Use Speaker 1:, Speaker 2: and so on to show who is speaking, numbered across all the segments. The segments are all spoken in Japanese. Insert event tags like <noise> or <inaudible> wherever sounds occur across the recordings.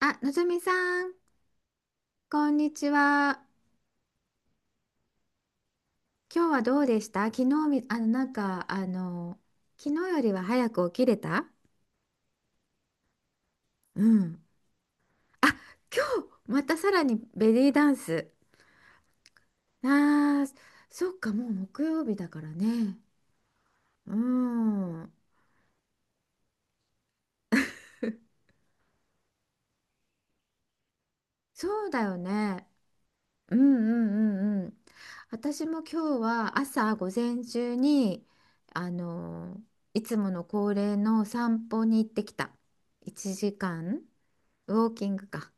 Speaker 1: あ、のぞみさん、こんにちは。今日はどうでした昨日み、昨日よりは早く起きれた、うん。あ、今日、またさらにベリーダンス。あー、そっか、もう木曜日だからね。うん。そうだよね。うんうんうんうん。私も今日は朝午前中に、あの、いつもの恒例の散歩に行ってきた。1時間ウォーキングか。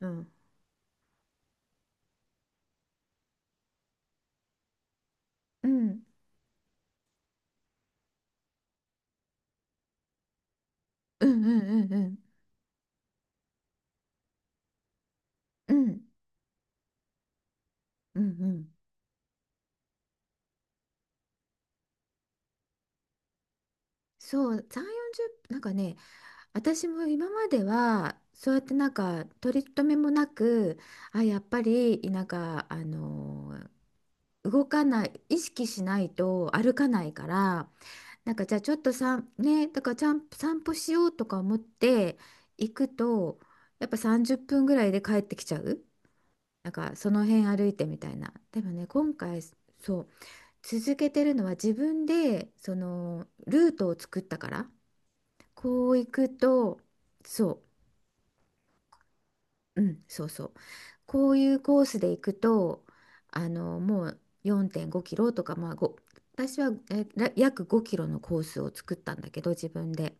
Speaker 1: うん。うん、うんうんうんうんうんうんうん、そう3、40分、なんかね、私も今まではそうやってなんか取り留めもなく、あ、やっぱりなんか、動かない、意識しないと歩かないから、なんかじゃあちょっとさんねだからちゃん散歩しようとか思って行くと、やっぱ30分ぐらいで帰ってきちゃう。なんかその辺歩いてみたいな。でもね、今回そう続けてるのは自分でそのルートを作ったから。こう行くと、そう、うん、そうそう、こういうコースで行くと、あのもう4.5キロとかまあ5、私はえら約5キロのコースを作ったんだけど、自分で。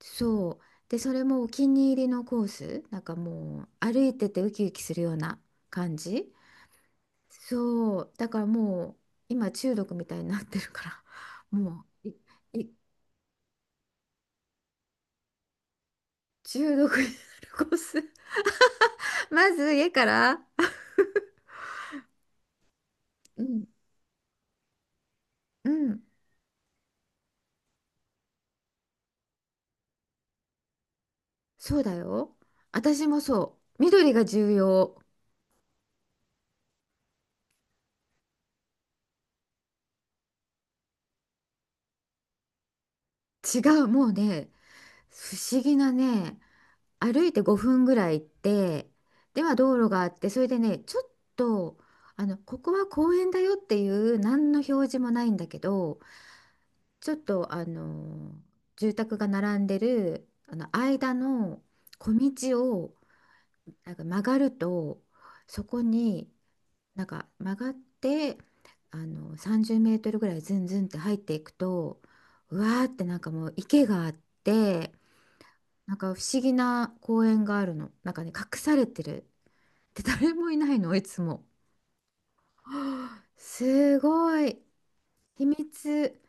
Speaker 1: そうで、それもお気に入りのコース。なんかもう歩いててウキウキするような感じ。そうだからもう今中毒みたいになってるから、もういい。中毒になるコース。まず家から。うん、うん、そうだよ。私もそう。緑が重要。違う、もうね、不思議なね、歩いて5分ぐらい行って、では道路があって、それでね、ちょっと、ここは公園だよっていう何の表示もないんだけど、ちょっと、住宅が並んでる、間の小道を、なんか曲がると、そこに、なんか曲がってあの30メートルぐらいズンズンって入っていくと、うわーって、なんかもう池があって、なんか不思議な公園があるの。なんかね、隠されてる。で、誰もいないの、いつも。はあ <gasps> すごい。秘密、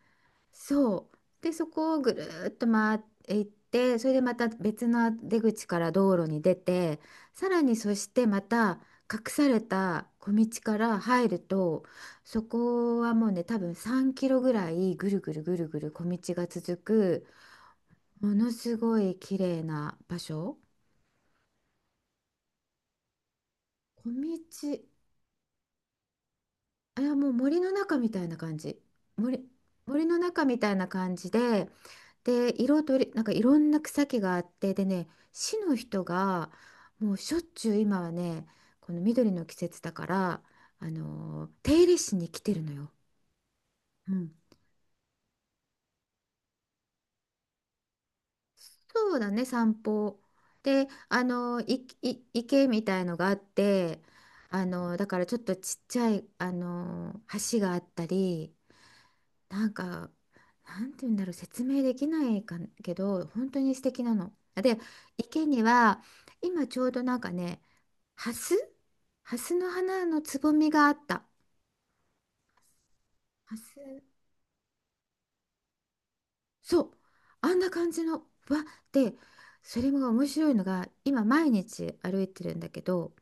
Speaker 1: そう。で、そこをぐるーっと回っていって、それでまた別の出口から道路に出て、さらにそしてまた隠された小道から入ると、そこはもうね、多分3キロぐらいぐるぐるぐるぐる小道が続く、ものすごい綺麗な場所。小道、あ、いやもう森の中みたいな感じ。森、森の中みたいな感じで、で色とり、なんかいろんな草木があって、でね、市の人がもうしょっちゅう、今はねこの緑の季節だから、手入れしに来てるのよ。うん。そうだね、散歩。で、いい池みたいのがあって、だからちょっとちっちゃい橋があったり、なんか、なんて言うんだろう、説明できないかんけど本当に素敵なの。で、池には今ちょうどなんかね、ハスハスの花のつぼみがあった。ハス、そう、あんな感じの、わって、それも面白いのが、今毎日歩いてるんだけど、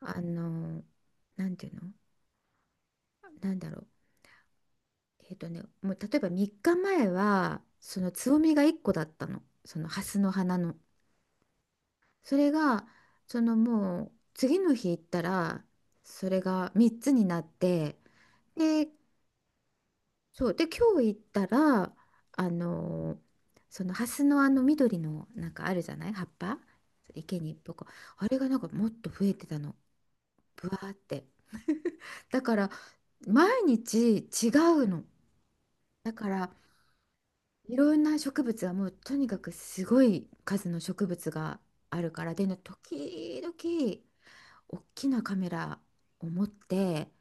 Speaker 1: あの、なんていうの、なんだろう。えっとね、もう例えば3日前は、そのつぼみが1個だったの。そのハスの花の。それが、そのもう、次の日行ったら、それが3つになって、で、そうで今日行ったら、あのーそのハスのあの緑のなんかあるじゃない葉っぱ、池に一歩こう、あれがなんかもっと増えてたの、ぶわーって。 <laughs> だから毎日違うの。だからいろんな植物は、もうとにかくすごい数の植物があるから。でね、時々大きなカメラを持って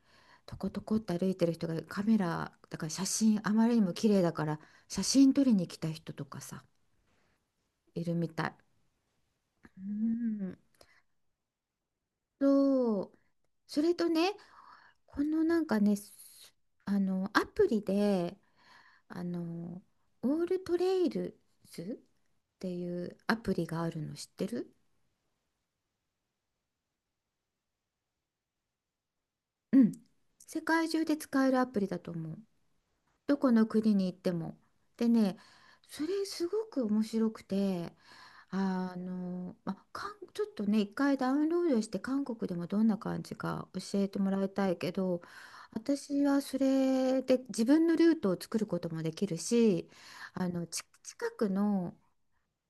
Speaker 1: トコトコって歩いてる人が、カメラだから写真あまりにも綺麗だから、写真撮りに来た人とかさ、いるみたい。うん、そう。それとね、このなんかねすあのアプリで、あの、オールトレイルズっていうアプリがあるの、知ってる？うん、世界中で使えるアプリだと思う。どこの国に行っても。でね、それすごく面白くて、まあ、韓ちょっとね、一回ダウンロードして韓国でもどんな感じか教えてもらいたいけど、私はそれで自分のルートを作ることもできるし、あの、ち近くの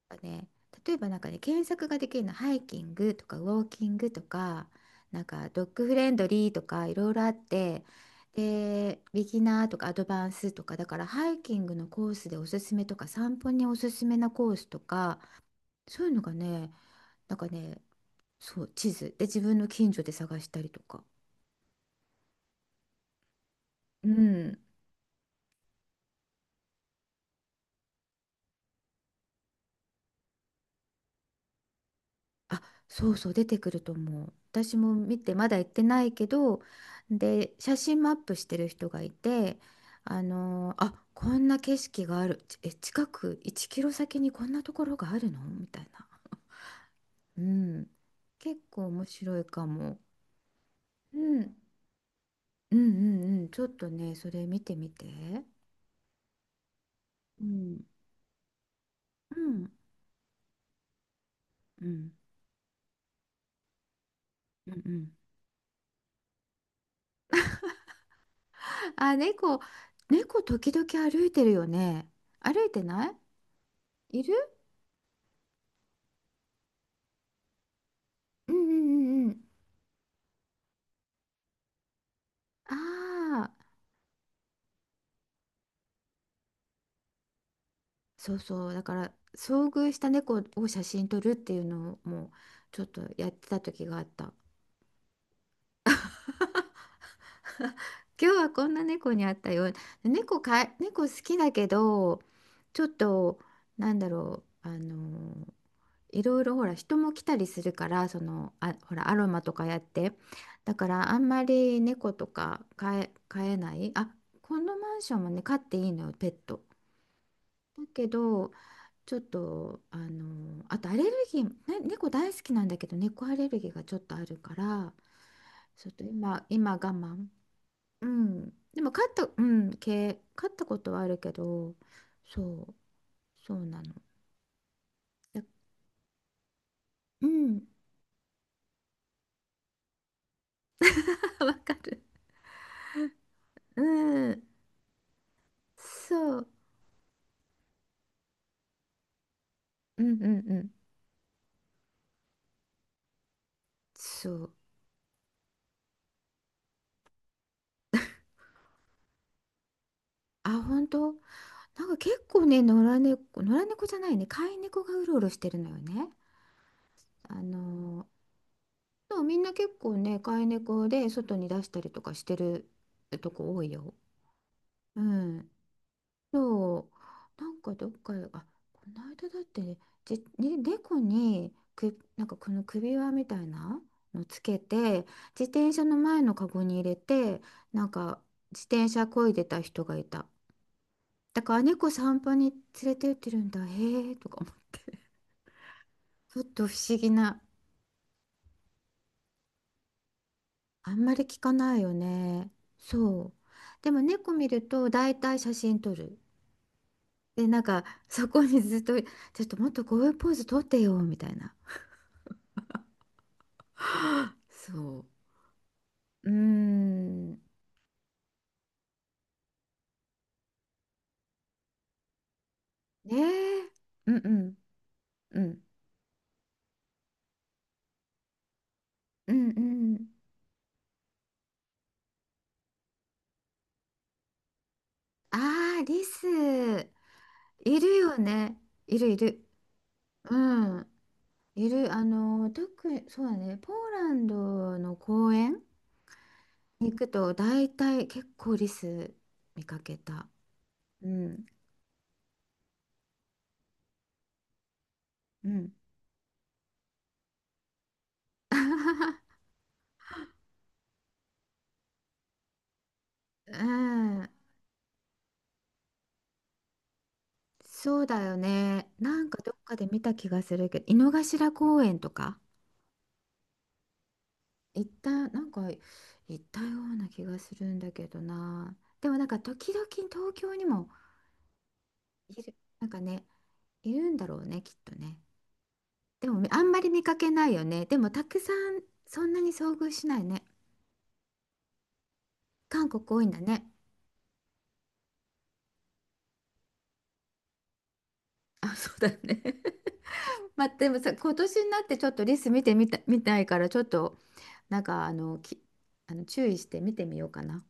Speaker 1: なんかね、例えばなんかね、検索ができるの、ハイキングとかウォーキングとか、なんかドッグフレンドリーとかいろいろあって、で、ビギナーとかアドバンスとか、だからハイキングのコースでおすすめとか、散歩におすすめなコースとか、そういうのがね、なんかね、そう、地図で自分の近所で探したりとか。うん。あ、そうそう、出てくると思う。私も見て、まだ行ってないけど、で、写真もアップしてる人がいて、こんな景色がある。ちえ、近く1キロ先にこんなところがあるのみたいな。うん。結構面白いかも。うん。うんうんうん。ちょっとね、それ見てみて。うん。うん。うん。うんうん。あ、猫、猫時々歩いてるよね。歩いてない、いる、うんうんうんうん。ああ、そうそう。だから、遭遇した猫を写真撮るっていうのも、ちょっとやってた時があった。今日はこんな猫に会ったよ。猫かい、猫好きだけど、ちょっと、なんだろう、いろいろほら、人も来たりするから、その、あ、ほら、アロマとかやって。だから、あんまり猫とか飼えない。あ、このマンションもね、飼っていいのよ、ペット。だけど、ちょっとあのあとアレルギー、ね、猫大好きなんだけど猫アレルギーがちょっとあるから、ちょっと今我慢、うん、でも飼ったうん毛飼ったことはあるけど、そう、そうなの、だ、うん。 <laughs> わかる、うん、そう、うんうんうん、そう。あ、本当、なんか結構ね、野良猫じゃないね、飼い猫がうろうろしてるのよね。あのーそう、みんな結構ね、飼い猫で外に出したりとかしてるとこ多いよ。うん。そう。なんかどっか、あ、この間だってね、じ、ね、猫にく、なんかこの首輪みたいなのつけて、自転車の前のカゴに入れて、なんか自転車漕いでた人がいた。だから猫散歩に連れて行ってるんだ、へえとか思って。ちょっと不思議な。あんまり聞かないよね。そう。でも猫見ると大体写真撮る。で、なんかそこにずっと、ちょっともっとこういうポーズ撮ってよ、みたいな。<gasps> そう。うーん。ねえ。うんうんうん。うんうん。ああ、リス。いるよね。いるいる。うん。いる。特に、そうだね。ポーランドの公園に行くと大体結構リス見かけた。うん。うん。うん、そうだよね。なんかどっかで見た気がするけど、井の頭公園とか行った、なんか行ったような気がするんだけどな。でもなんか時々東京にもいる、なんかね、いるんだろうね、きっとね。でもあんまり見かけないよね。でもたくさんそんなに遭遇しないね。韓国多いんだね。あ、そうだね。<laughs> まあ、でもさ、今年になってちょっとリス見てみた、見たいから、ちょっとなんかあのき、注意して見てみようかな。